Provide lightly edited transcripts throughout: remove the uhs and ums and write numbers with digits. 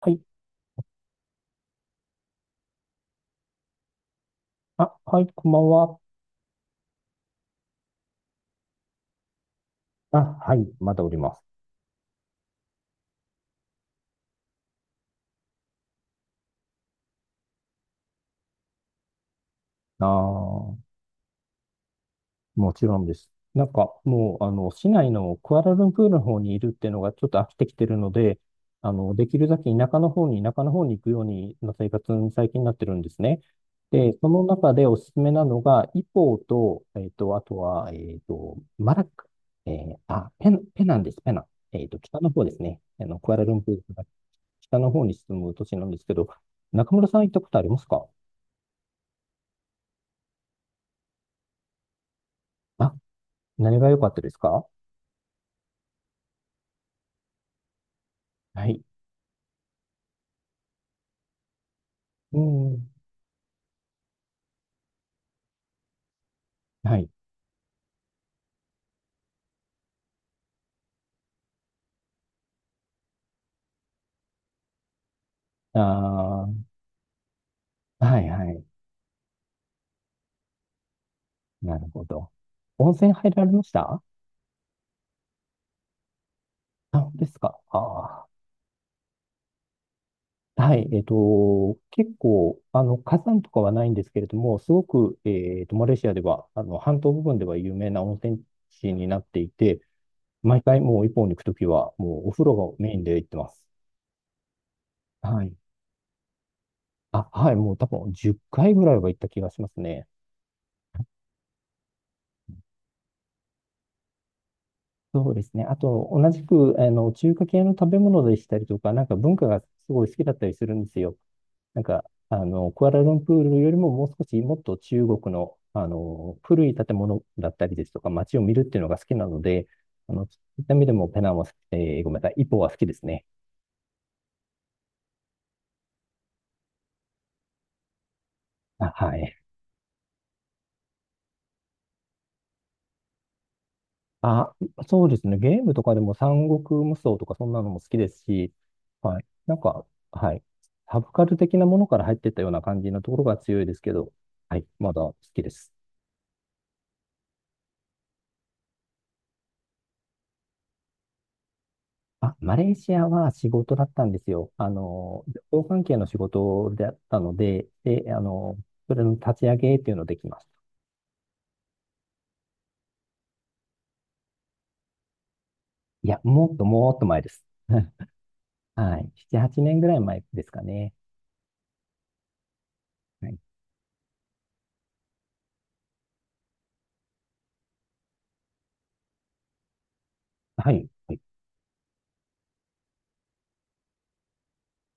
はい。あ、はい、こんばんは。あ、はい、まだおります。ああ、もちろんです。なんか、もう、あの、市内のクアラルンプールの方にいるっていうのがちょっと飽きてきてるので、できるだけ田舎の方に行くようにな生活に最近なってるんですね。で、その中でおすすめなのが、イポーと、あとは、マラッカ、ペナンです、ペナン。北の方ですね。クアラルンプールから北の方に進む都市なんですけど、中村さん行ったことありますか？あ、何が良かったですか？はい。うん。はい。ああ、はいはい。なるほど。温泉入られました？あ、本当ですか？ああ。はい。結構、火山とかはないんですけれども、すごく、マレーシアでは、半島部分では有名な温泉地になっていて、毎回もう一本に行くときは、もうお風呂がメインで行ってます。はい。あ、はい。もう多分10回ぐらいは行った気がしますね。そうですね。あと、同じく、中華系の食べ物でしたりとか、なんか文化がすごい好きだったりするんですよ。なんか、クアラルンプールよりももう少しもっと中国の、古い建物だったりですとか、街を見るっていうのが好きなので、そういった意味でもペナンは、ごめんなさい、イポは好きですね。あ、はい。あ、そうですね。ゲームとかでも三国無双とかそんなのも好きですし、はい。なんか、はい。サブカル的なものから入ってったような感じのところが強いですけど、はい。まだ好きです。あ、マレーシアは仕事だったんですよ。旅行関係の仕事だったので、で、それの立ち上げっていうのできました。いや、もっともっと前です。はい。7、8年ぐらい前ですかね。はい。はい。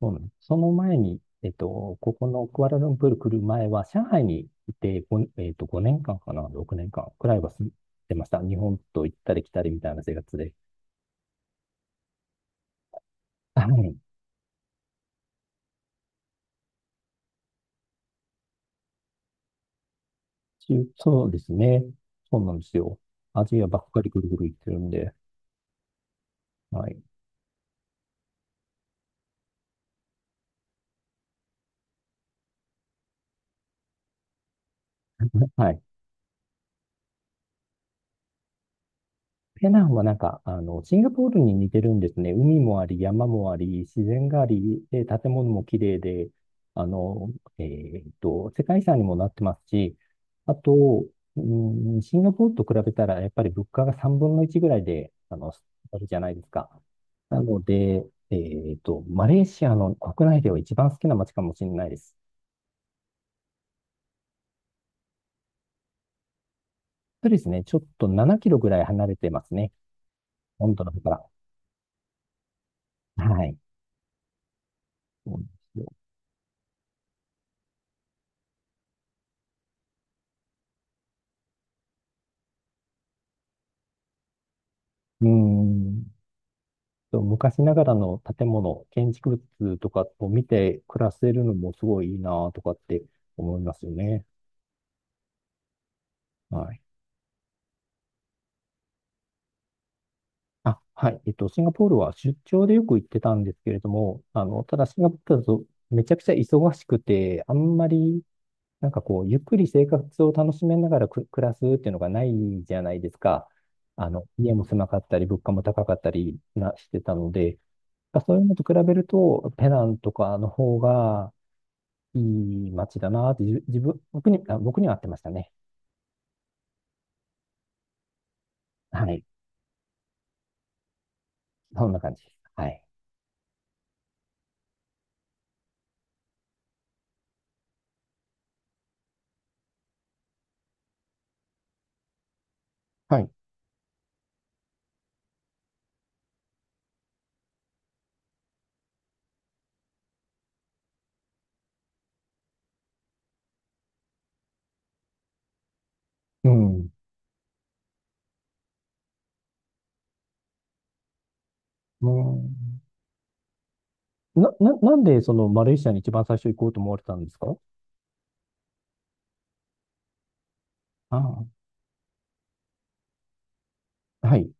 そうなんです。その前に、ここのクアラルンプール来る前は、上海にいて、ごねえっと、5年間かんかな、6年間くらいは住んでました。日本と行ったり来たりみたいな生活で。はい。そうですね。そうなんですよ。アジアばっかりぐるぐる行ってるんで。はい。はい。ペナンはなんか、シンガポールに似てるんですね。海もあり、山もあり、自然があり、で、建物も綺麗で、あの、え世界遺産にもなってますし、あと、うん、シンガポールと比べたら、やっぱり物価が3分の1ぐらいで、あるじゃないですか。なので、マレーシアの国内では一番好きな街かもしれないです。そうですね、ちょっと7キロぐらい離れてますね。本土の方から。はい。そうなんですよ。うーん。そう、昔ながらの建物、建築物とかを見て暮らせるのもすごいいいなとかって思いますよね。はい。あ、はい。シンガポールは出張でよく行ってたんですけれども、ただシンガポールだとめちゃくちゃ忙しくて、あんまり、ゆっくり生活を楽しめながら暮らすっていうのがないじゃないですか。家も狭かったり、物価も高かったりなしてたので、そういうのと比べると、ペナンとかの方が、いい街だなーって、自分、僕には合ってましたね。はい。そんな感じ。はい。はい。うん。うん。なんでそのマレーシアに一番最初行こうと思われたんですか？あ、あ、はい。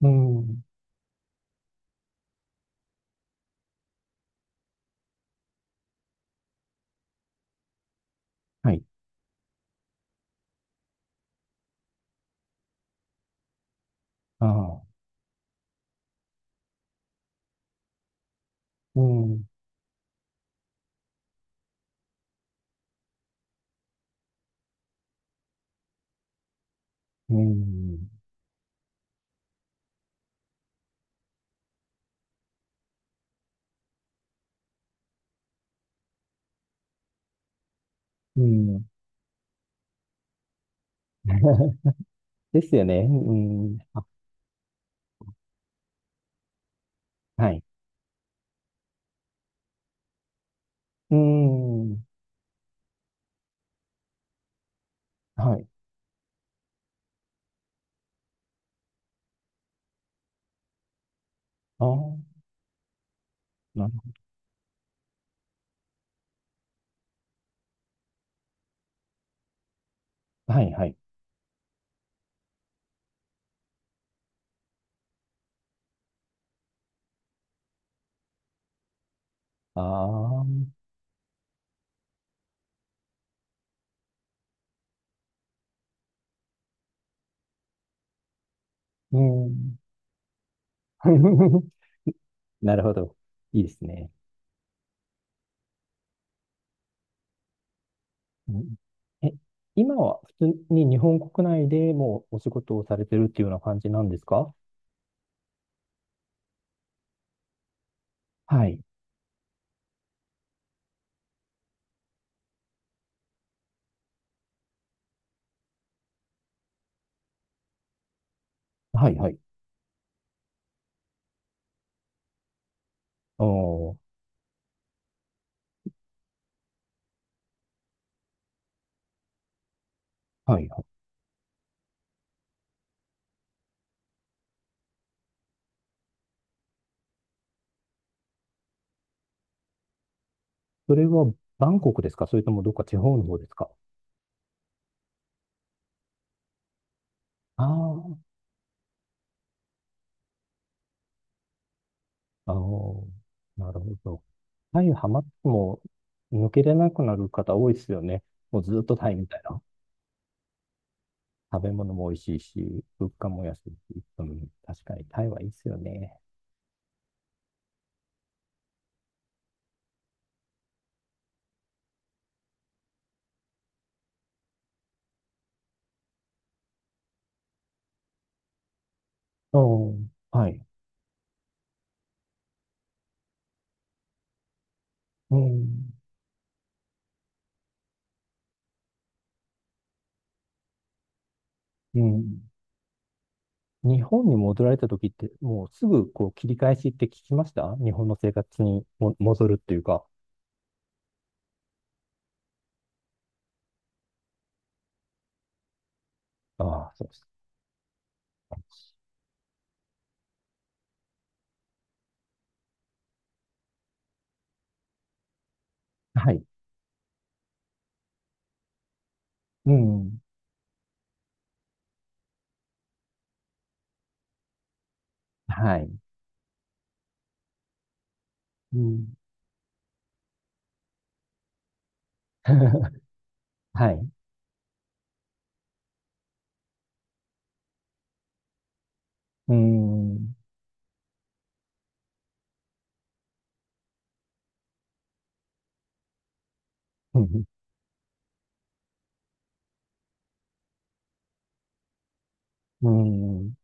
うん。はい。ああ、うん。うん。うん。ですよね。うん。あ、はい。うん。はい。ああ、なるほど。はい、はい。ああ、うん。なるほど。いいですね。うん。え、今は普通に日本国内でもうお仕事をされてるっていうような感じなんですか？はい。はい、はい。おー、はい、はい。それはバンコクですか？それともどっか地方の方ですか？ああ、あー、なるほど。タイハマっても抜けれなくなる方多いですよね。もうずっとタイみたいな。食べ物も美味しいし、物価も安いし、うん、確かにタイはいいですよね。お、はい。うん、うん。日本に戻られた時って、もうすぐこう切り返しって聞きました、日本の生活にも戻るっていうか。ああ、そうです。はい。うん。はい。うん。はい。うん。うん。うん。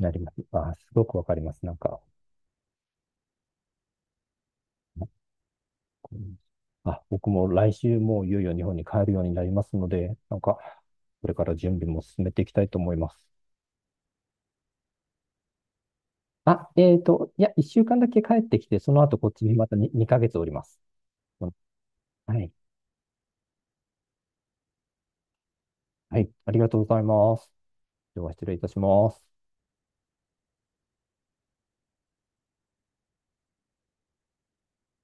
なります。ああ、すごくわかります。なんか、あ、僕も来週もういよいよ日本に帰るようになりますので、なんか、これから準備も進めていきたいと思います。あ、いや、一週間だけ帰ってきて、その後こっちにまた2、ヶ月おります。うん。はい。はい、ありがとうございます。では失礼いたします。